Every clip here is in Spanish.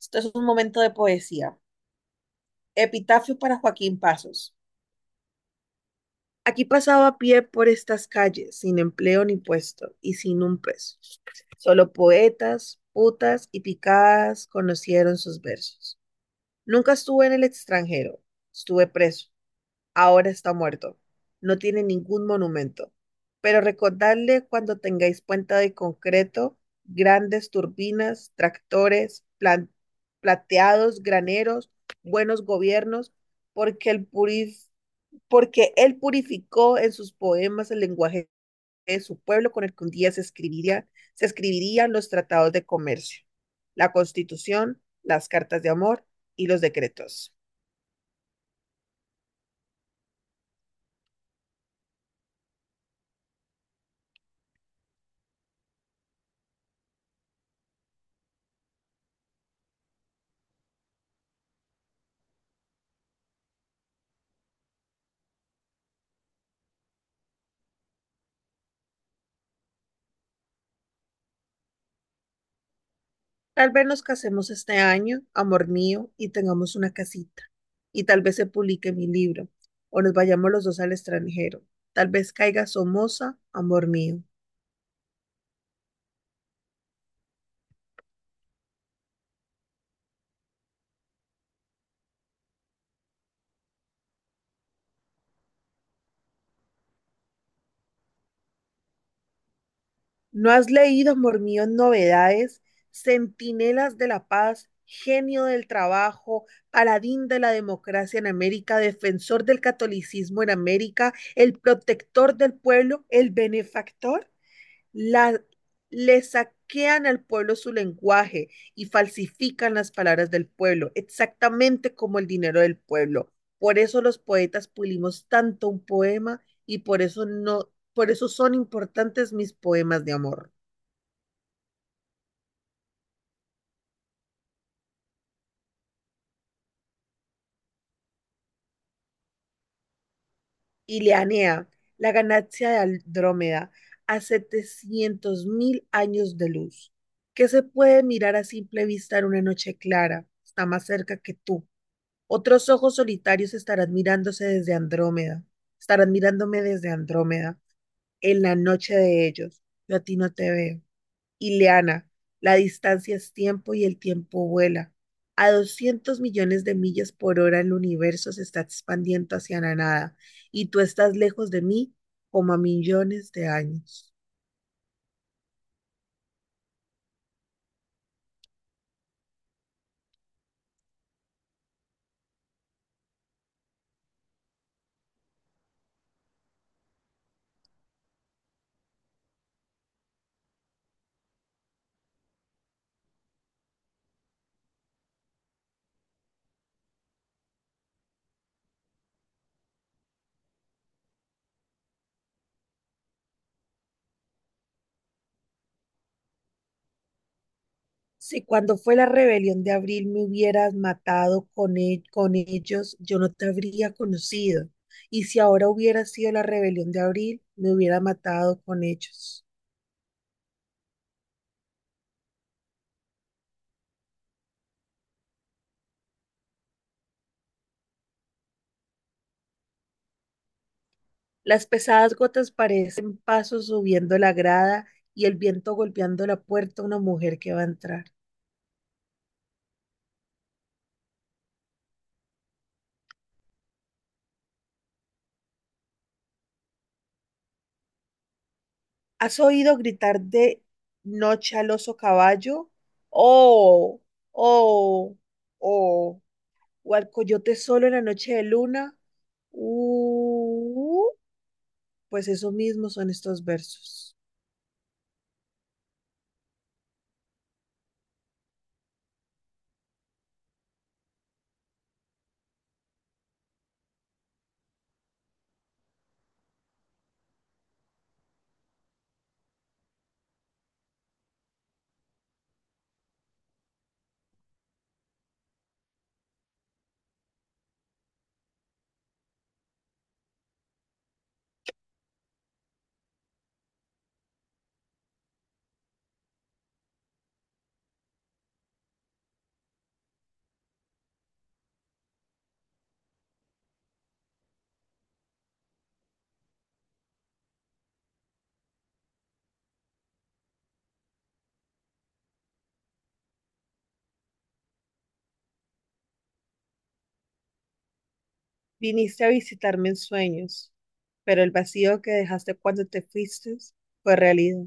Esto es un momento de poesía. Epitafio para Joaquín Pasos. Aquí pasaba a pie por estas calles, sin empleo ni puesto y sin un peso. Solo poetas, putas y picadas conocieron sus versos. Nunca estuve en el extranjero, estuve preso. Ahora está muerto. No tiene ningún monumento. Pero recordadle cuando tengáis puente de concreto, grandes turbinas, tractores, plateados, graneros, buenos gobiernos, porque el purif- porque él purificó en sus poemas el lenguaje de su pueblo con el que un día se escribiría, se escribirían los tratados de comercio, la constitución, las cartas de amor y los decretos. Tal vez nos casemos este año, amor mío, y tengamos una casita. Y tal vez se publique mi libro, o nos vayamos los dos al extranjero. Tal vez caiga Somoza, amor mío. ¿No has leído, amor mío, novedades? Centinelas de la paz, genio del trabajo, paladín de la democracia en América, defensor del catolicismo en América, el protector del pueblo, el benefactor. La, le saquean al pueblo su lenguaje y falsifican las palabras del pueblo, exactamente como el dinero del pueblo. Por eso los poetas pulimos tanto un poema y por eso no, por eso son importantes mis poemas de amor. Ileanea, la ganancia de Andrómeda, a 700.000 años de luz, que se puede mirar a simple vista en una noche clara, está más cerca que tú. Otros ojos solitarios estarán mirándose desde Andrómeda, estarán mirándome desde Andrómeda, en la noche de ellos. Yo a ti no te veo. Ileana, la distancia es tiempo y el tiempo vuela. A 200 millones de millas por hora el universo se está expandiendo hacia la nada y tú estás lejos de mí como a millones de años. Si cuando fue la rebelión de abril me hubieras matado con ellos, yo no te habría conocido. Y si ahora hubiera sido la rebelión de abril, me hubiera matado con ellos. Las pesadas gotas parecen pasos subiendo la grada y el viento golpeando la puerta a una mujer que va a entrar. ¿Has oído gritar de noche al oso caballo? Oh, oh, oh. O al coyote solo en la noche de luna. Uh. Pues eso mismo son estos versos. Viniste a visitarme en sueños, pero el vacío que dejaste cuando te fuiste fue realidad,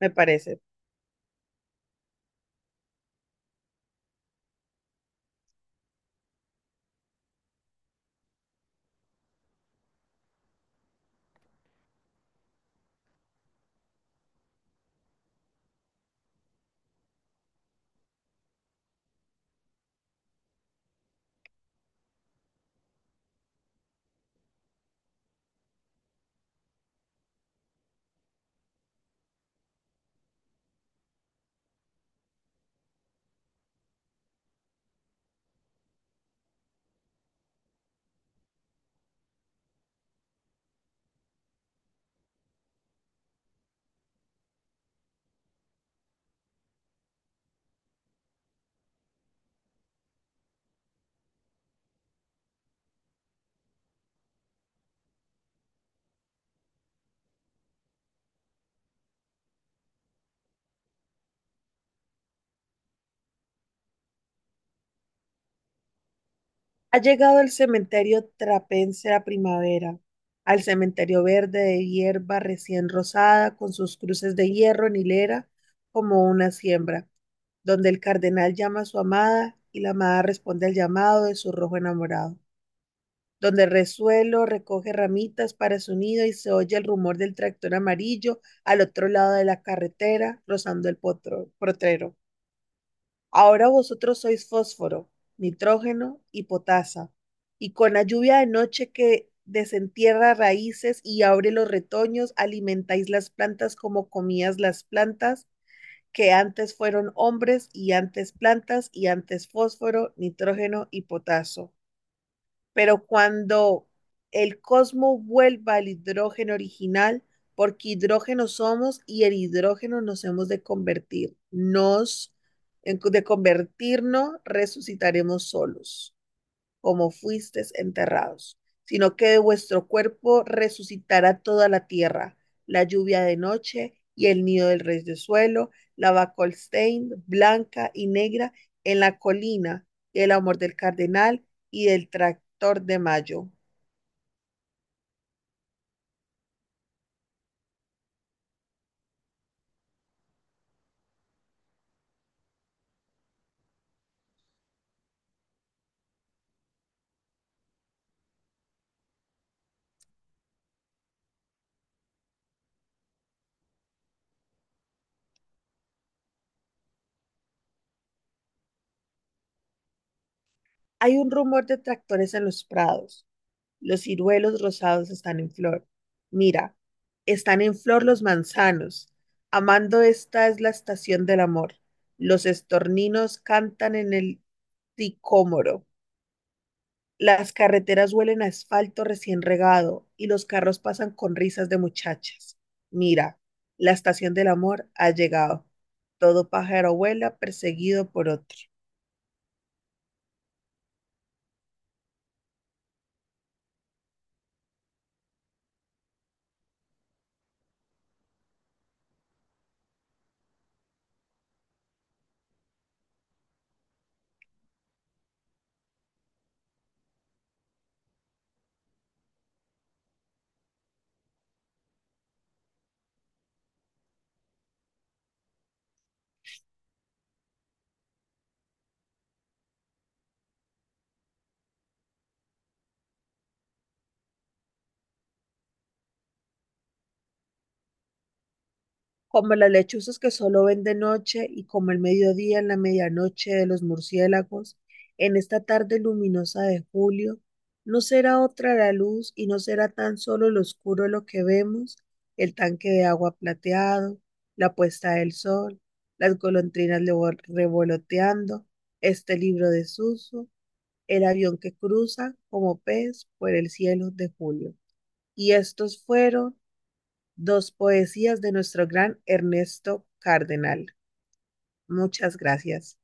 me parece. Ha llegado al cementerio trapense la primavera, al cementerio verde de hierba recién rosada, con sus cruces de hierro en hilera, como una siembra, donde el cardenal llama a su amada y la amada responde al llamado de su rojo enamorado. Donde el resuelo recoge ramitas para su nido y se oye el rumor del tractor amarillo al otro lado de la carretera, rozando el potrero. Ahora vosotros sois fósforo, nitrógeno y potasa, y con la lluvia de noche que desentierra raíces y abre los retoños, alimentáis las plantas como comías las plantas que antes fueron hombres y antes plantas y antes fósforo, nitrógeno y potaso, pero cuando el cosmos vuelva al hidrógeno original, porque hidrógeno somos y el hidrógeno nos hemos de convertir, nos, de convertirnos, resucitaremos solos como fuisteis enterrados, sino que de vuestro cuerpo resucitará toda la tierra, la lluvia de noche y el nido del rey de suelo, la bacolstein blanca y negra en la colina, el amor del cardenal y del tractor de mayo. Hay un rumor de tractores en los prados. Los ciruelos rosados están en flor. Mira, están en flor los manzanos. Amando, esta es la estación del amor. Los estorninos cantan en el sicómoro. Las carreteras huelen a asfalto recién regado y los carros pasan con risas de muchachas. Mira, la estación del amor ha llegado. Todo pájaro vuela perseguido por otro. Como las lechuzas que solo ven de noche y como el mediodía en la medianoche de los murciélagos, en esta tarde luminosa de julio, no será otra la luz y no será tan solo lo oscuro lo que vemos, el tanque de agua plateado, la puesta del sol, las golondrinas revoloteando, este libro desuso, el avión que cruza como pez por el cielo de julio. Y estos fueron dos poesías de nuestro gran Ernesto Cardenal. Muchas gracias.